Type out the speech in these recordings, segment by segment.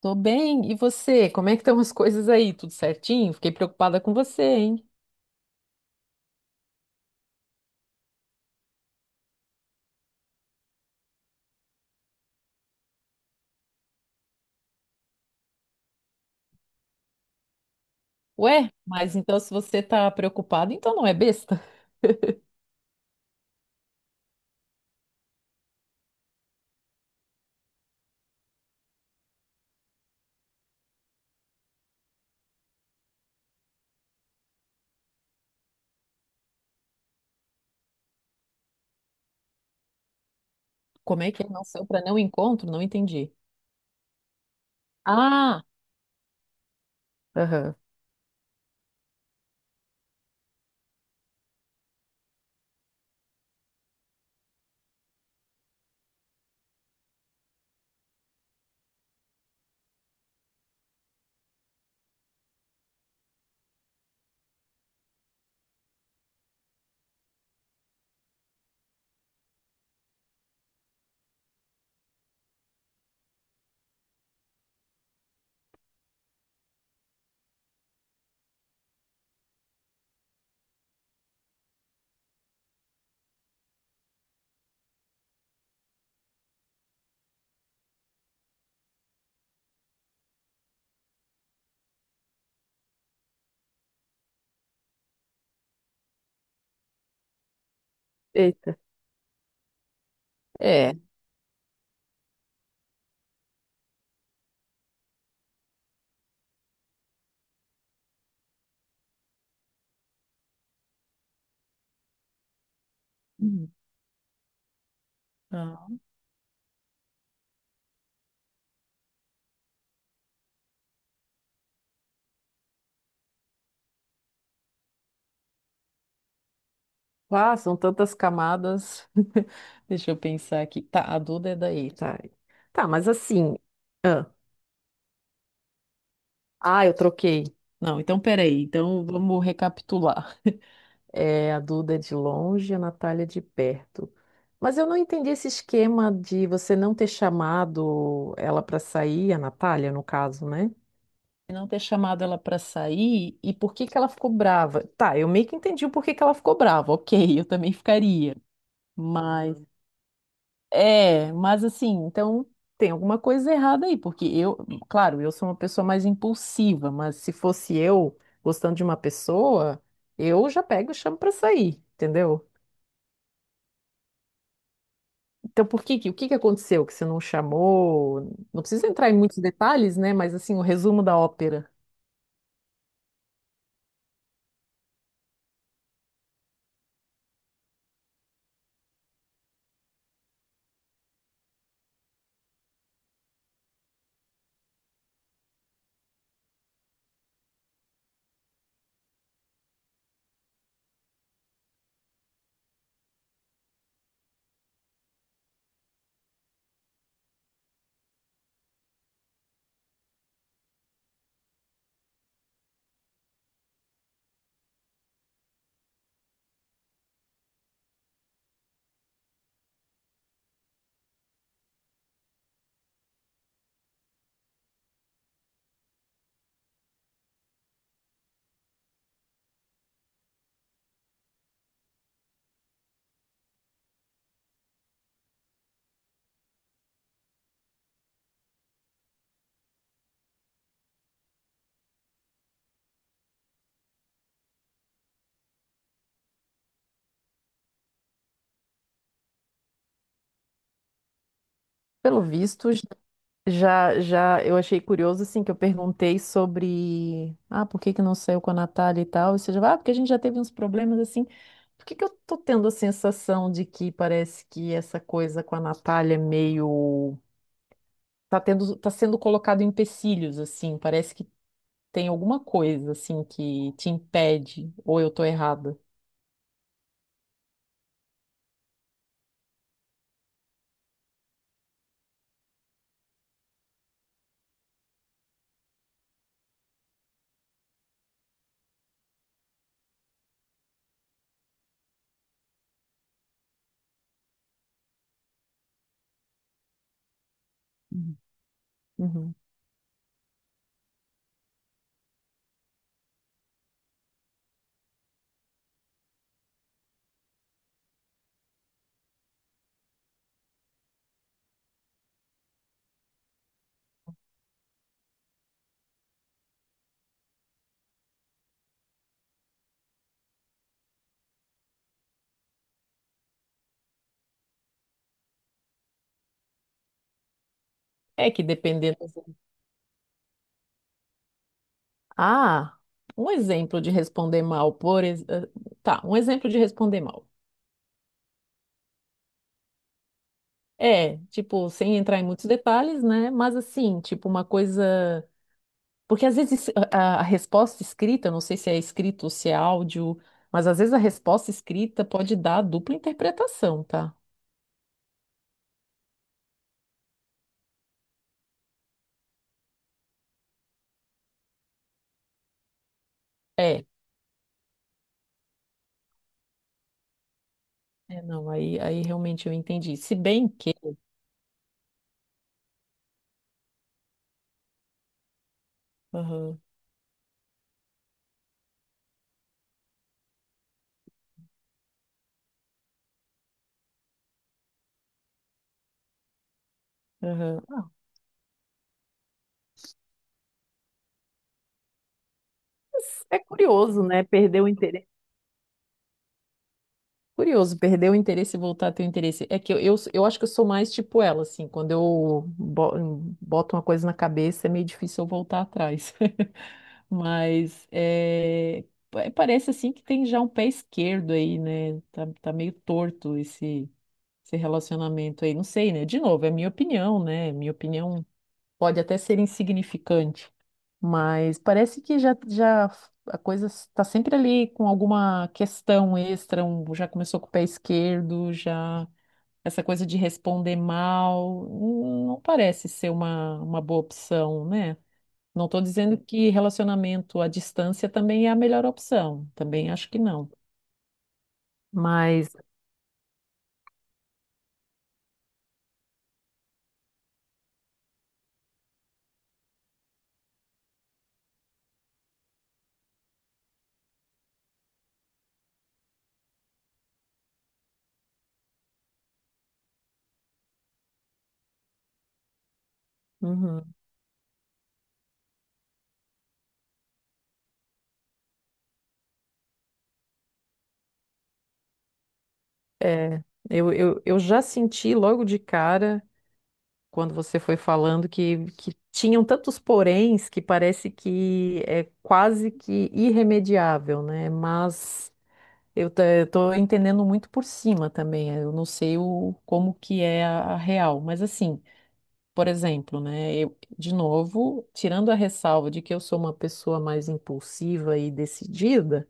Tô bem, e você? Como é que estão as coisas aí? Tudo certinho? Fiquei preocupada com você, hein? Ué, mas então se você tá preocupado, então não é besta? Como é que é não saiu para não encontro? Não entendi. Ah, aham. Eita. É. Hum. Ah, ah, são tantas camadas. Deixa eu pensar aqui. Tá, a Duda é daí, tá? Tá, mas assim. Ah, ah, eu troquei. Não, então peraí. Então vamos recapitular. É, a Duda é de longe, a Natália é de perto. Mas eu não entendi esse esquema de você não ter chamado ela para sair, a Natália, no caso, né? Não ter chamado ela para sair e por que que ela ficou brava. Tá, eu meio que entendi o porquê que ela ficou brava. Ok, eu também ficaria. Mas, uhum. É, mas assim, então tem alguma coisa errada aí, porque claro, eu sou uma pessoa mais impulsiva, mas se fosse eu gostando de uma pessoa, eu já pego e chamo para sair, entendeu? Então, o que que aconteceu que você não chamou? Não precisa entrar em muitos detalhes, né? Mas assim, o resumo da ópera. Pelo visto, j- já, já eu achei curioso assim que eu perguntei sobre, ah, por que que não saiu com a Natália e tal? E você já, vai, ah, porque a gente já teve uns problemas assim. Por que que eu tô tendo a sensação de que parece que essa coisa com a Natália é meio tá tendo, tá sendo colocado em empecilhos assim, parece que tem alguma coisa assim que te impede ou eu tô errada. Uhum. Uhum. É que dependendo. Ah, um exemplo de responder mal, tá, um exemplo de responder mal. É, tipo, sem entrar em muitos detalhes, né? Mas assim, tipo, uma coisa. Porque às vezes a resposta escrita, não sei se é escrito ou se é áudio, mas às vezes a resposta escrita pode dar dupla interpretação, tá? É, é, não, aí, aí realmente eu entendi. Se bem que. Aham, aham. Mas é curioso, né? Perder o interesse. Curioso, perder o interesse e voltar a ter o interesse. É que eu acho que eu sou mais tipo ela, assim, quando boto uma coisa na cabeça é meio difícil eu voltar atrás. Mas é, parece assim que tem já um pé esquerdo aí, né? Tá, tá meio torto esse relacionamento aí. Não sei, né? De novo, é minha opinião, né? Minha opinião pode até ser insignificante, mas parece que já a coisa está sempre ali com alguma questão extra, já começou com o pé esquerdo, já essa coisa de responder mal, não parece ser uma boa opção, né? Não estou dizendo que relacionamento à distância também é a melhor opção, também acho que não. Mas uhum. É, eu já senti logo de cara. Quando você foi falando que tinham tantos poréns que parece que é quase que irremediável, né? Mas eu estou entendendo muito por cima também. Eu não sei como que é a real, mas assim, por exemplo, né? Eu, de novo, tirando a ressalva de que eu sou uma pessoa mais impulsiva e decidida,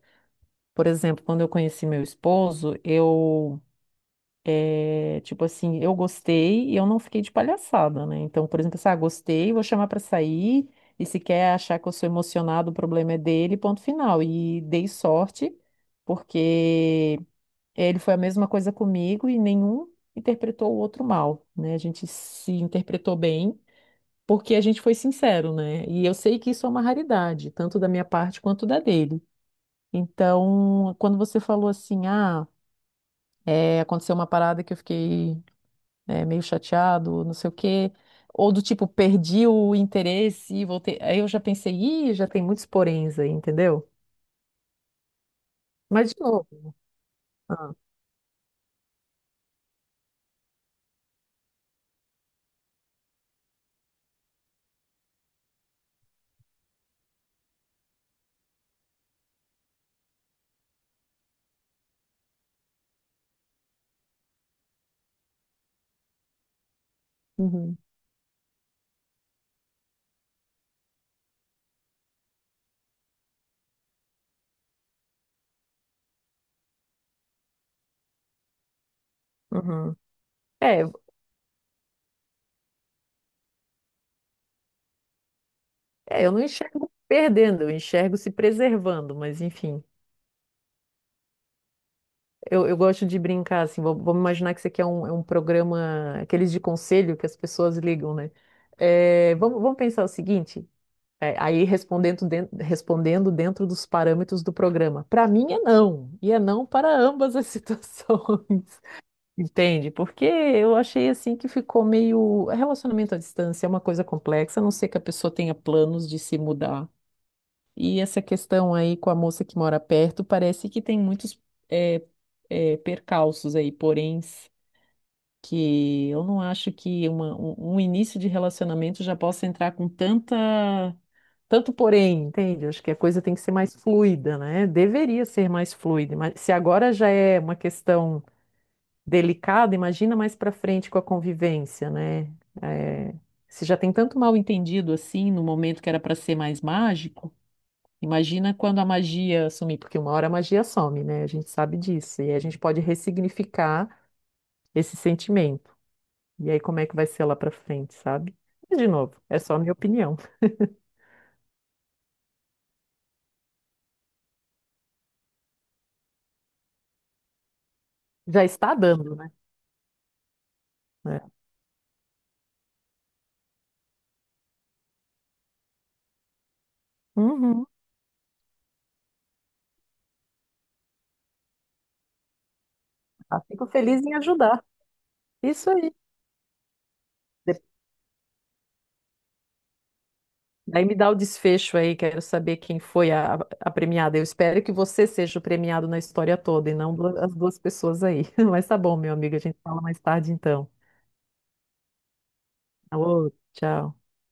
por exemplo, quando eu conheci meu esposo, tipo assim, eu gostei e eu não fiquei de palhaçada, né? Então, por exemplo, assim, ah, gostei, vou chamar pra sair, e se quer achar que eu sou emocionado, o problema é dele, ponto final. E dei sorte, porque ele foi a mesma coisa comigo e nenhum interpretou o outro mal, né? A gente se interpretou bem, porque a gente foi sincero, né? E eu sei que isso é uma raridade, tanto da minha parte quanto da dele. Então, quando você falou assim, ah, é, aconteceu uma parada que eu fiquei né, meio chateado, não sei o quê. Ou do tipo, perdi o interesse e voltei. Aí eu já pensei, ih, já tem muitos poréns aí, entendeu? Mas de novo. Ah, uhum, uhum. É, é, eu não enxergo perdendo, eu enxergo se preservando, mas enfim. Eu gosto de brincar, assim, vamos imaginar que isso aqui é é um programa, aqueles de conselho que as pessoas ligam, né? É, vamos pensar o seguinte, é, aí respondendo, respondendo dentro dos parâmetros do programa. Para mim é não, e é não para ambas as situações, entende? Porque eu achei, assim, que ficou meio... Relacionamento à distância é uma coisa complexa, a não ser que a pessoa tenha planos de se mudar. E essa questão aí com a moça que mora perto, parece que tem muitos é, percalços aí, porém que eu não acho que um início de relacionamento já possa entrar com tanto porém, entende? Acho que a coisa tem que ser mais fluida, né? Deveria ser mais fluida, mas se agora já é uma questão delicada, imagina mais para frente com a convivência, né? É, se já tem tanto mal entendido assim, no momento que era para ser mais mágico. Imagina quando a magia sumir, porque uma hora a magia some, né? A gente sabe disso. E aí a gente pode ressignificar esse sentimento. E aí, como é que vai ser lá pra frente, sabe? Mas, de novo, é só a minha opinião. Já está dando, né? É. Uhum. Ah, fico feliz em ajudar. Isso aí. De- Daí me dá o desfecho aí, quero saber quem foi a premiada. Eu espero que você seja o premiado na história toda e não as duas pessoas aí. Mas tá bom, meu amigo, a gente fala mais tarde então. Alô, tchau.